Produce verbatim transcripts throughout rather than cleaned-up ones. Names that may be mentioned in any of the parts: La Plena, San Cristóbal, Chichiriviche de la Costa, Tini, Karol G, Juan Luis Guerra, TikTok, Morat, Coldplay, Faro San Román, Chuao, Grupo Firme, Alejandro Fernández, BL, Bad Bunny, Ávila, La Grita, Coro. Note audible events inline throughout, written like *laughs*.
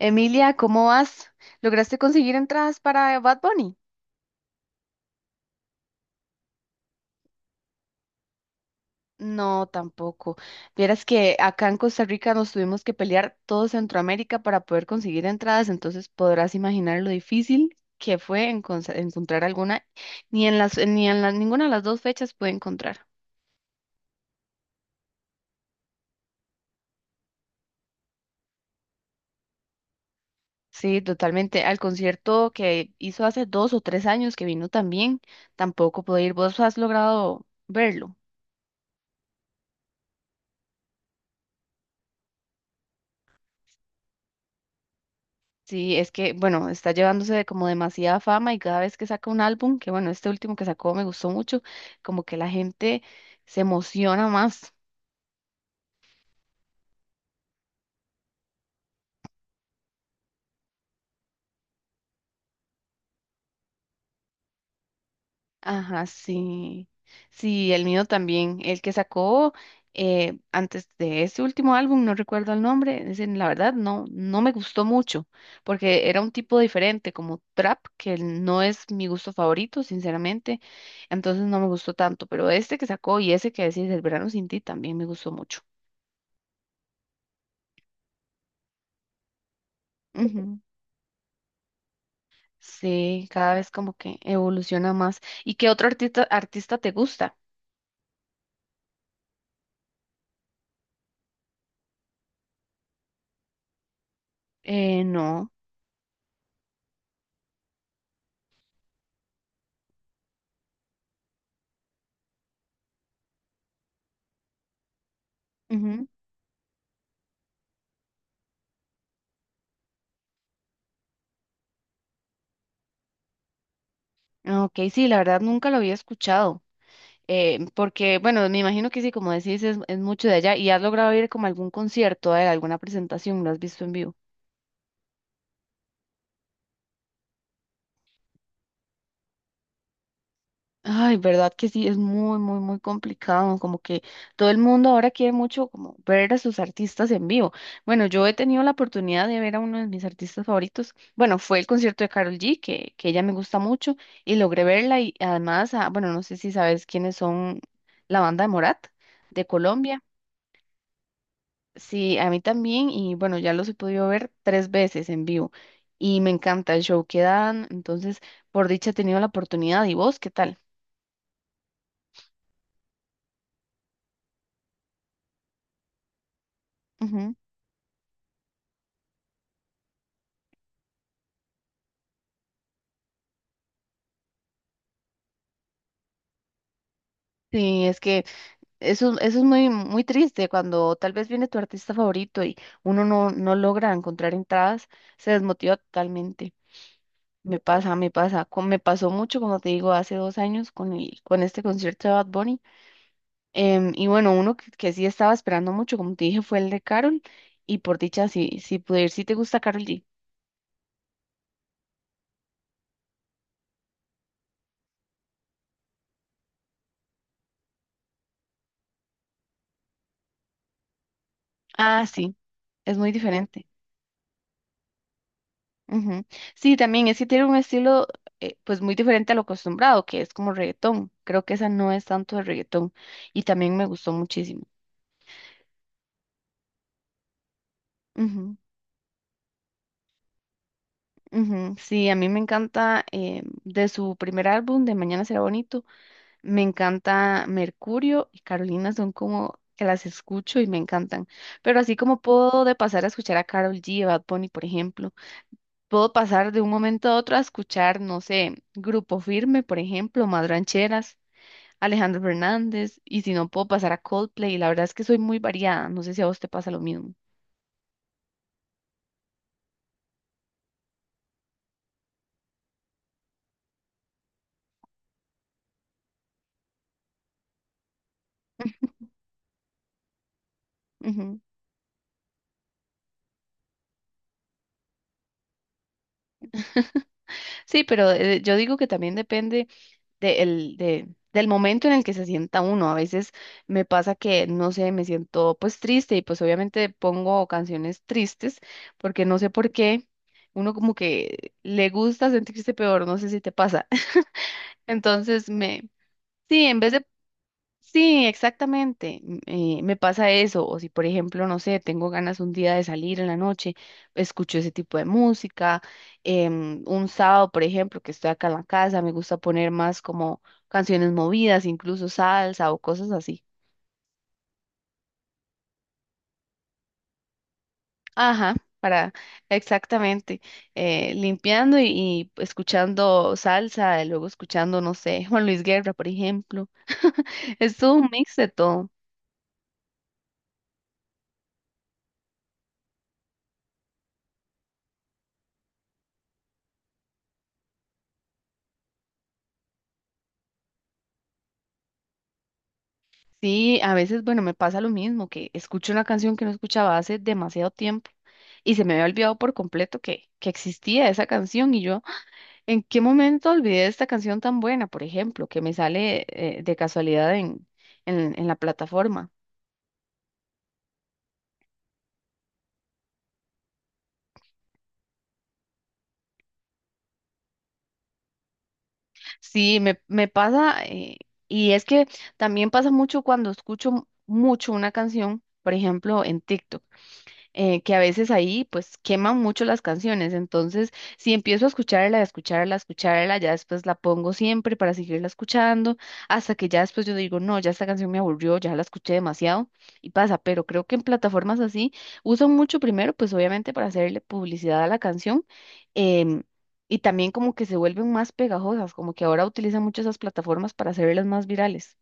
Emilia, ¿cómo vas? ¿Lograste conseguir entradas para Bad Bunny? No, tampoco. Vieras que acá en Costa Rica nos tuvimos que pelear todo Centroamérica para poder conseguir entradas, entonces podrás imaginar lo difícil que fue encon- encontrar alguna. Ni en las, ni en la- Ninguna de las dos fechas pude encontrar. Sí, totalmente. Al concierto que hizo hace dos o tres años que vino también, tampoco pude ir. ¿Vos has logrado verlo? Sí, es que, bueno, está llevándose de como demasiada fama y cada vez que saca un álbum, que bueno, este último que sacó me gustó mucho, como que la gente se emociona más. Ajá, sí. Sí, el mío también. El que sacó eh, antes de ese último álbum, no recuerdo el nombre, es la verdad no, no me gustó mucho, porque era un tipo diferente, como trap, que no es mi gusto favorito, sinceramente, entonces no me gustó tanto, pero este que sacó y ese que decís, El verano sin ti, también me gustó mucho. Ujú. Sí, cada vez como que evoluciona más. ¿Y qué otro artista, artista te gusta? Eh, no. Ujú. Ah, ok, sí, la verdad nunca lo había escuchado. Eh, porque, bueno, me imagino que sí, como decís, es, es mucho de allá. ¿Y has logrado ir como a algún concierto, eh, alguna presentación? ¿Lo has visto en vivo? Ay, verdad que sí, es muy, muy, muy complicado, como que todo el mundo ahora quiere mucho como ver a sus artistas en vivo. Bueno, yo he tenido la oportunidad de ver a uno de mis artistas favoritos. Bueno, fue el concierto de Karol G, que, que ella me gusta mucho, y logré verla y además, ah, bueno, no sé si sabes quiénes son la banda de Morat de Colombia. Sí, a mí también, y bueno, ya los he podido ver tres veces en vivo y me encanta el show que dan, entonces, por dicha he tenido la oportunidad. ¿Y vos qué tal? Ujú. Sí, es que Eso, eso es muy, muy triste cuando tal vez viene tu artista favorito y uno no, no logra encontrar entradas, se desmotiva totalmente. Me pasa, me pasa. co- Me pasó mucho, como te digo, hace dos años con el, con este concierto de Bad Bunny. Em, y bueno, uno que, que sí estaba esperando mucho, como te dije, fue el de Carol. Y por dicha, sí, sí pude ir. ¿Sí te gusta Carol G? Ah, sí, es muy diferente. Ujú. Sí, también es que tiene un estilo eh, pues muy diferente a lo acostumbrado, que es como reggaetón. Creo que esa no es tanto de reggaetón y también me gustó muchísimo. Ujú, ujú. Sí, a mí me encanta eh, de su primer álbum, de Mañana será bonito, me encanta Mercurio y Carolina son como que las escucho y me encantan. Pero así como puedo de pasar a escuchar a Karol G, a Bad Bunny, por ejemplo, puedo pasar de un momento a otro a escuchar, no sé, Grupo Firme, por ejemplo, Más Rancheras. Alejandro Fernández, y si no puedo pasar a Coldplay, la verdad es que soy muy variada, no sé si a vos te pasa lo mismo. Ujú. Sí, pero eh, yo digo que también depende de el- de- del momento en el que se sienta uno. A veces me pasa que, no sé, me siento pues triste y pues obviamente pongo canciones tristes porque no sé por qué uno como que le gusta sentirse peor, no sé si te pasa. *laughs* Entonces me... Sí, en vez de sí, exactamente. m- eh, me pasa eso. O si, por ejemplo, no sé, tengo ganas un día de salir en la noche, escucho ese tipo de música. em, un sábado, por ejemplo, que estoy acá en la casa, me gusta poner más como canciones movidas, incluso salsa o cosas así. Ajá, para, exactamente. eh, limpiando y, y escuchando salsa, y luego escuchando, no sé, *laughs* Juan Luis Guerra, por ejemplo. *laughs* Es todo un mix de todo. Sí, a veces, bueno, me pasa lo mismo, que escucho una canción que no escuchaba hace demasiado tiempo y se me había olvidado por completo que, que existía esa canción y yo, ¿en qué momento olvidé esta canción tan buena, por ejemplo, que me sale eh, de casualidad en, en, en la plataforma? Sí, me, me pasa, eh, y es que también pasa mucho cuando escucho mucho una canción, por ejemplo, en TikTok. eh, que a veces ahí pues queman mucho las canciones. Entonces, si empiezo a escucharla, a escucharla, a escucharla, ya después la pongo siempre para seguirla escuchando, hasta que ya después yo digo, no, ya esta canción me aburrió, ya la escuché demasiado y pasa. Pero creo que en plataformas así usan mucho primero, pues obviamente para hacerle publicidad a la canción. em, Y también como que se vuelven más pegajosas, como que ahora utilizan mucho esas plataformas para hacerlas más virales.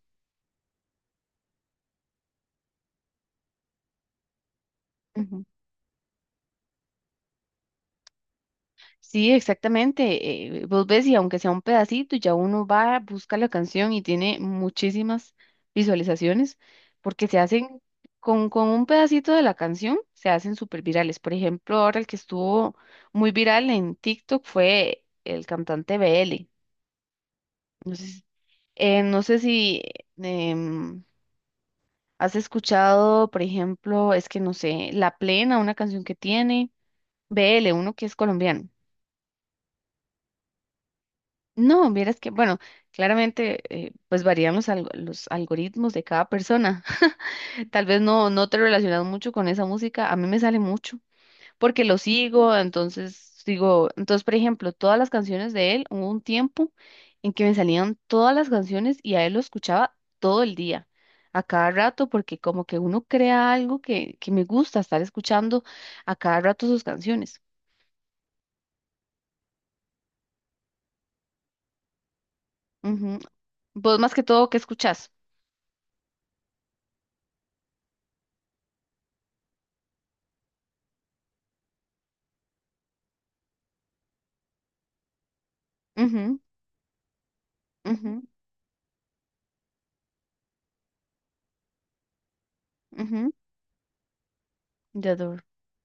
Sí, exactamente. eh, vos ves y aunque sea un pedacito, ya uno va, busca la canción y tiene muchísimas visualizaciones porque se hacen con, con un pedacito de la canción, se hacen súper virales. Por ejemplo, ahora el que estuvo muy viral en TikTok fue el cantante B L. No sé, si- eh, no sé si em, has escuchado, por ejemplo, es que no sé, La Plena, una canción que tiene B L, uno que es colombiano. No, vieras que, bueno, claramente eh, pues varían los, alg- los algoritmos de cada persona. *laughs* Tal vez no, no te relacionas mucho con esa música, a mí me sale mucho, porque lo sigo, entonces sigo, entonces por ejemplo, todas las canciones de él, hubo un tiempo en que me salían todas las canciones y a él lo escuchaba todo el día, a cada rato, porque como que uno crea algo que, que me gusta estar escuchando a cada rato sus canciones. Ujú. Vos más que todo, ¿qué escuchás? Ujú, ujú, ujú. Yador.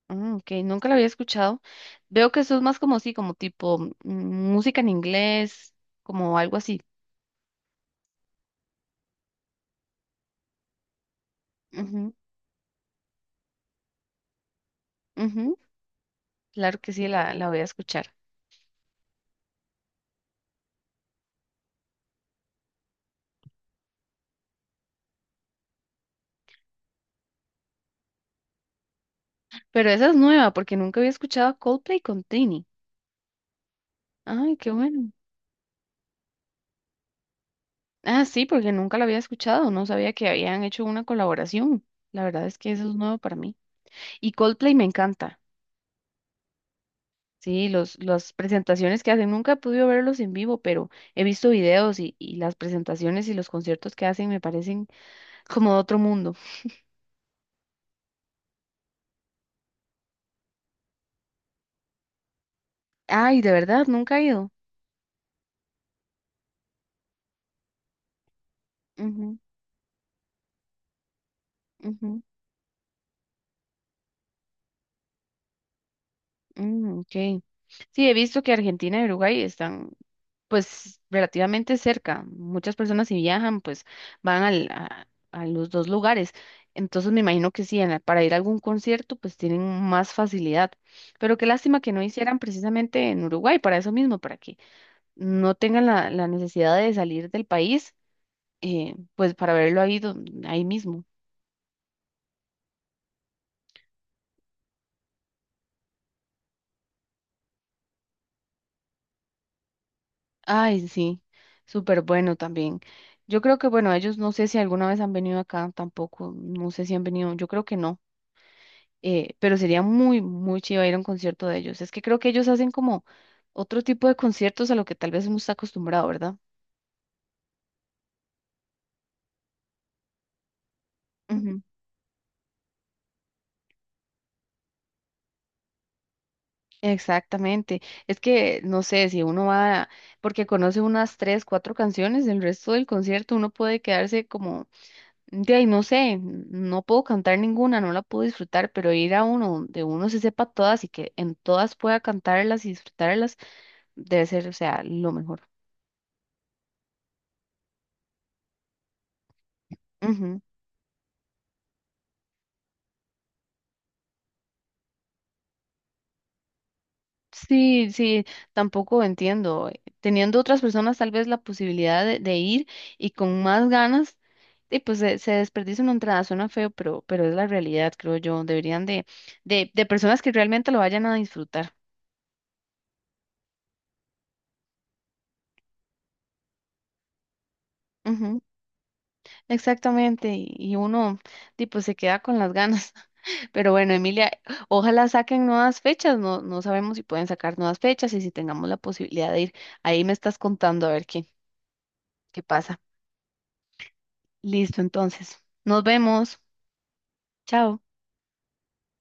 Mm, ok, nunca la había escuchado. Veo que eso es más como sí, como tipo mm, música en inglés, como algo así. Ujú, ujú, claro que sí, la, la voy a escuchar. Pero esa es nueva, porque nunca había escuchado a Coldplay con Tini. Ay, qué bueno. Ah, sí, porque nunca la había escuchado. No sabía que habían hecho una colaboración. La verdad es que eso es nuevo para mí. Y Coldplay me encanta. Sí, los, las presentaciones que hacen, nunca he podido verlos en vivo, pero he visto videos y, y las presentaciones y los conciertos que hacen me parecen como de otro mundo. Ay, de verdad, nunca he ido. Ujú, ujú, mm, ok. Sí, he visto que Argentina y Uruguay están pues relativamente cerca. Muchas personas si viajan pues van al, a, a los dos lugares. Entonces me imagino que sí, en la- para ir a algún concierto pues tienen más facilidad. Pero qué lástima que no hicieran precisamente en Uruguay, para eso mismo, para que no tengan la, la necesidad de salir del país, eh, pues para verlo ahí, don- ahí mismo. Ay, sí, súper bueno también. Yo creo que, bueno, ellos no sé si alguna vez han venido acá tampoco, no sé si han venido, yo creo que no, eh, pero sería muy, muy chido ir a un concierto de ellos. Es que creo que ellos hacen como otro tipo de conciertos a lo que tal vez uno está acostumbrado, ¿verdad? Ujú. Exactamente. Es que, no sé, si uno va, porque conoce unas tres, cuatro canciones, el resto del concierto uno puede quedarse como de ahí no sé, no puedo cantar ninguna, no la puedo disfrutar, pero ir a uno donde uno se sepa todas y que en todas pueda cantarlas y disfrutarlas, debe ser, o sea, lo mejor. Ujú. Sí, sí, tampoco entiendo. eh, Teniendo otras personas tal vez la posibilidad de, de ir y con más ganas, y pues se, se desperdicia una entrada, suena feo, pero, pero es la realidad, creo yo. Deberían de, de, de personas que realmente lo vayan a disfrutar. Exactamente, y y uno tipo se queda con las ganas. *laughs* Pero bueno, Emilia, ojalá saquen nuevas fechas, no, no sabemos si pueden sacar nuevas fechas y si tengamos la posibilidad de ir. Ahí me estás contando a ver qué, qué pasa. Listo, entonces, nos vemos. Chao.